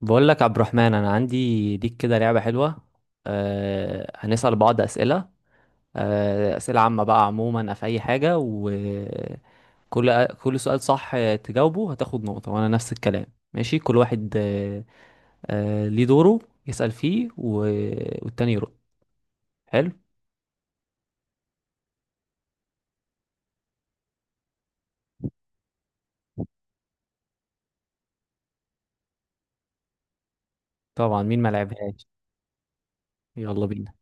بقول لك عبد الرحمن، انا عندي ليك كده لعبه حلوه. هنسال بعض اسئله. اسئله عامه بقى، عموما في اي حاجه، كل سؤال صح تجاوبه هتاخد نقطه، وانا نفس الكلام. ماشي كل واحد. أه آه، ليه دوره يسال فيه والتاني يرد. حلو. طبعا مين ما لعبهاش. يلا بينا.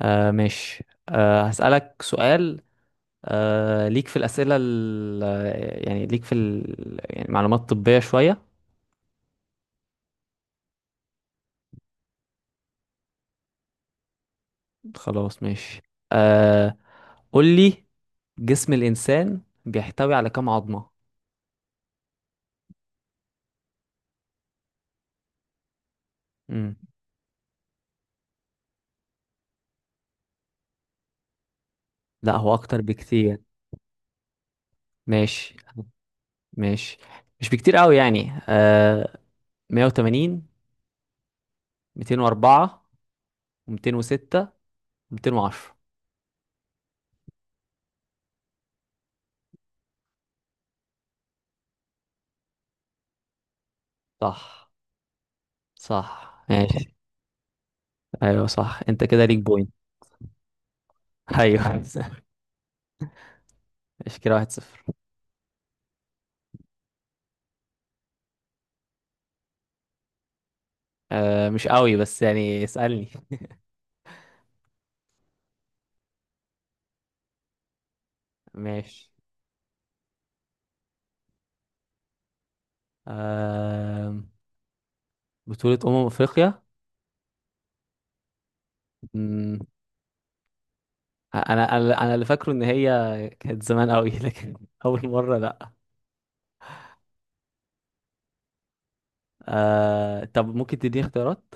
ماشي. هسالك سؤال. أه ليك في الاسئله ال... يعني ليك في ال... يعني معلومات طبيه شويه. خلاص ماشي. آه. قول لي، جسم الإنسان بيحتوي على كام عظمة؟ مم. لا هو أكتر بكتير. ماشي. ماشي. مش بكتير قوي يعني. 180، 204، و206، و210. صح. صح ماشي. أيوه صح، أنت كده ليك بوينت. أيوه. ماشي، كده واحد صفر. آه مش قوي بس يعني اسألني. ماشي. آه. بطولة أمم أفريقيا. مم، انا اللي فاكره ان هي كانت زمان قوي لكن اول مره لا. طب ممكن تديني اختيارات؟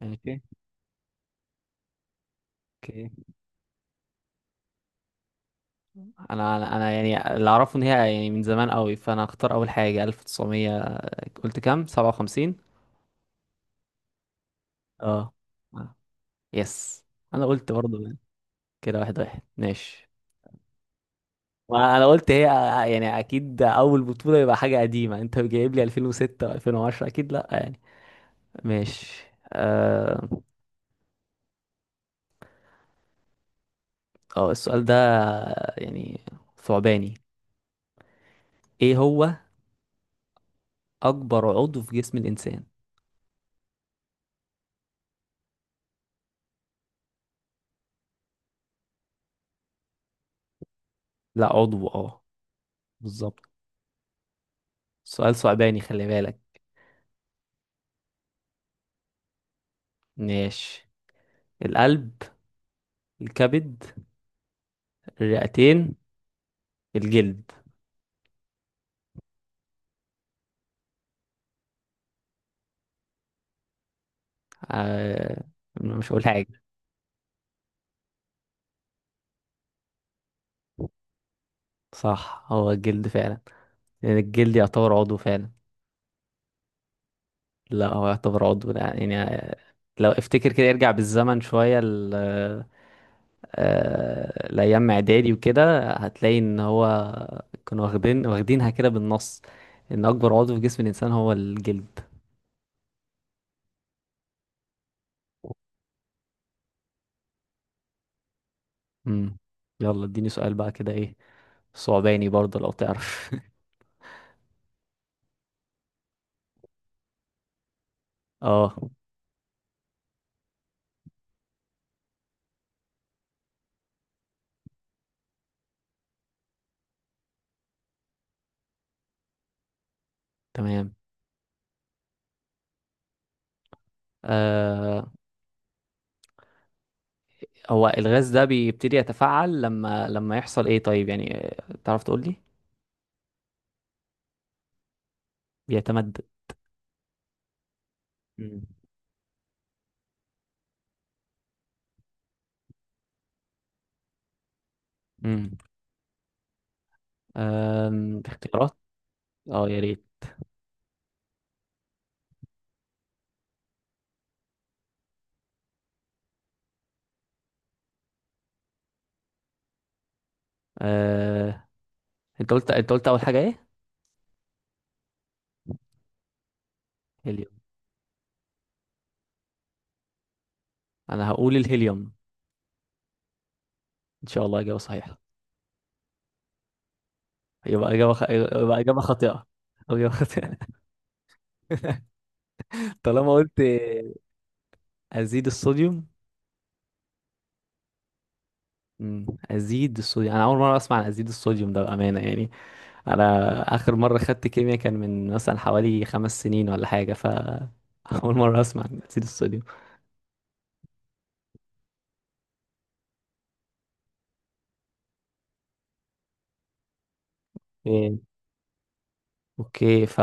يعني اوكي. اوكي. انا يعني اللي اعرفه ان هي يعني من زمان قوي، فانا هختار اول حاجه 1900. قلت كام؟ 57؟ اه. آه. يس. انا قلت برضه يعني. كده واحد واحد، ماشي. وانا قلت هي يعني اكيد اول بطوله يبقى حاجه قديمه، انت جايب لي 2006 و2010 اكيد لا، يعني. ماشي. آه... اه، السؤال ده يعني ثعباني. ايه هو اكبر عضو في جسم الانسان؟ لا عضو، اه. بالظبط. سؤال ثعباني، خلي بالك. ماشي. القلب، الكبد، الرئتين، الجلد. آه. مش هقول حاجة. صح، هو الجلد فعلا. لان الجلد يعتبر عضو فعلا. لا هو يعتبر عضو، لا يعني. لو افتكر كده ارجع بالزمن شوية، الايام اعدادي وكده، هتلاقي ان هو كانوا واخدينها كده بالنص، ان اكبر عضو في جسم الانسان هو الجلد. امم. يلا اديني سؤال بقى، كده ايه؟ صعباني برضه لو تعرف. اه. تمام. آه هو الغاز ده بيبتدي يتفاعل لما يحصل ايه طيب، يعني. تعرف تقول لي؟ بيتمدد. امم. امم. اختيارات. اه يا ريت. آه. انت قلت اول حاجه ايه؟ هيليوم. انا هقول الهيليوم. ان شاء الله اجابه صحيحه. يبقى اجابه خاطئه. او اجابه خاطئه. طالما قلت. ازيد الصوديوم. مم، ازيد الصوديوم، انا اول مره اسمع عن ازيد الصوديوم ده بامانه يعني. انا اخر مره خدت كيمياء كان من مثلا حوالي 5 سنين ولا حاجه. اول مره اسمع عن ازيد الصوديوم. إيه، اوكي.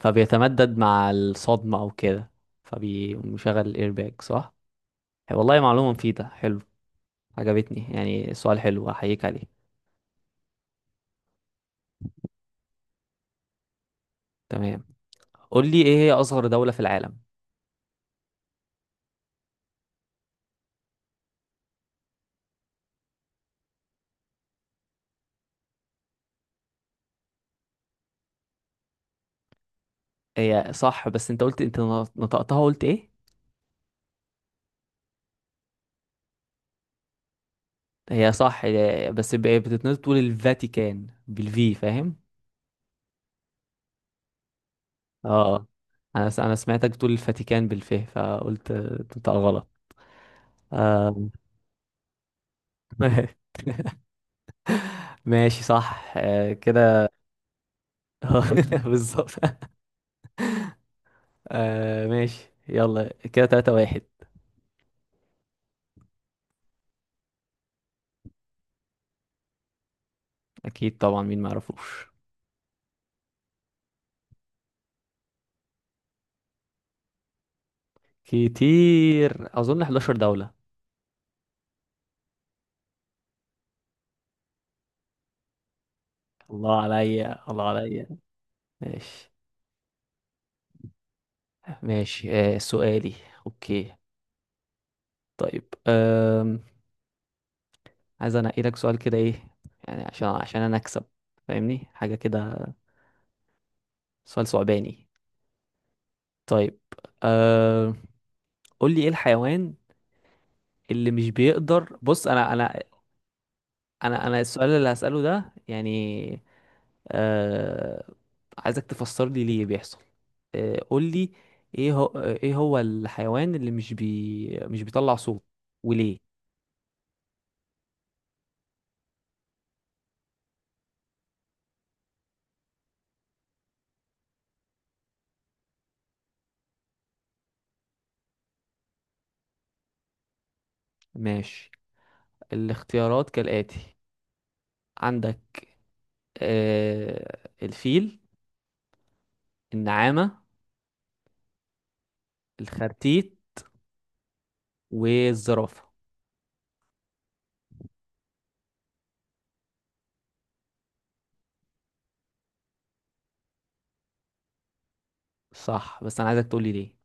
فبيتمدد مع الصدمه او كده، فبيشغل الايرباك، صح. والله معلومه مفيده، حلو. عجبتني، يعني سؤال حلو، احييك عليه. تمام. قول لي، ايه هي اصغر دولة في العالم؟ هي صح. بس انت قلت، انت نطقتها، قلت ايه؟ هي صح، بس بتتنطق، تقول الفاتيكان بالفي، فاهم؟ اه. انا سمعتك بتقول الفاتيكان بالف، فقلت تنطق غلط. آه. ماشي صح، آه كده. بالظبط. آه ماشي، يلا كده تلاتة واحد. اكيد طبعا، مين ما يعرفوش. كتير، اظن 11 دولة. الله عليا، الله عليا. ماشي. ماشي. آه سؤالي. اوكي. طيب. عايز انقي لك سؤال كده ايه، يعني عشان انا اكسب، فاهمني حاجة كده، سؤال صعباني. طيب. آه. قول لي ايه الحيوان اللي مش بيقدر، بص انا، انا السؤال اللي هسأله ده، يعني آه، عايزك تفسر لي ليه بيحصل. آه قول لي، ايه هو الحيوان اللي مش بيطلع صوت، وليه؟ ماشي. الاختيارات كالآتي، عندك آه الفيل، النعامة، الخرتيت، والزرافة. صح، بس أنا عايزك تقولي ليه.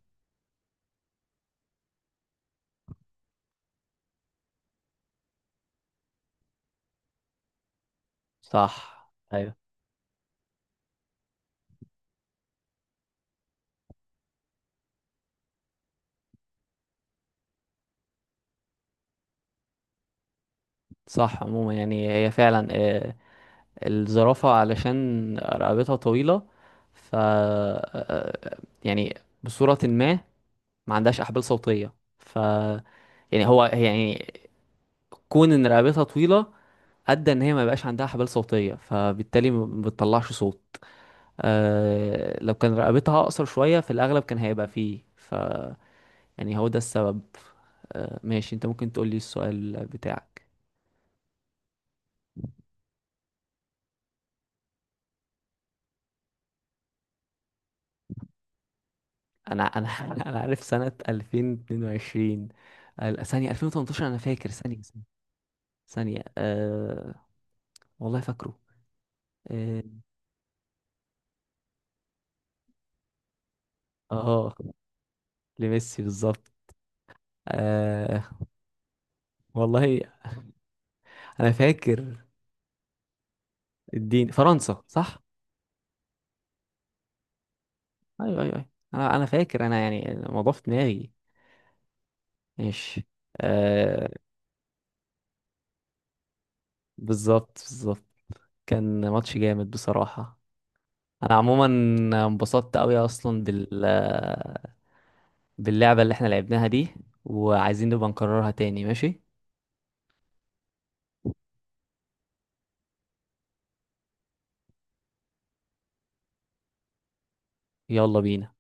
صح أيوة. صح، عموما يعني هي فعلا آه، الزرافة علشان رقبتها طويلة. ف آه، آه، يعني بصورة ما، ما عندهاش أحبال صوتية، ف يعني هو يعني، كون إن رقبتها طويلة أدى إن هي ما بقاش عندها أحبال صوتية، فبالتالي ما بتطلعش صوت. آه، لو كان رقبتها اقصر شوية، في الاغلب كان هيبقى فيه. يعني هو ده السبب. آه ماشي، انت ممكن تقول لي السؤال بتاعك. انا انا عارف سنة 2022. ثانية 2018، انا فاكر ثانية، ثانية، ثانية. آه والله، فاكره. اه. آه، لميسي، بالظبط. آه والله انا فاكر. الدين فرنسا، صح. ايوه ايوه ايوه، انا فاكر، انا يعني الموضوع في دماغي. ماشي. آه. بالظبط، بالظبط. كان ماتش جامد بصراحة. انا عموما انبسطت قوي اصلا باللعبة اللي احنا لعبناها دي، وعايزين نبقى نكررها تاني. ماشي. يلا بينا.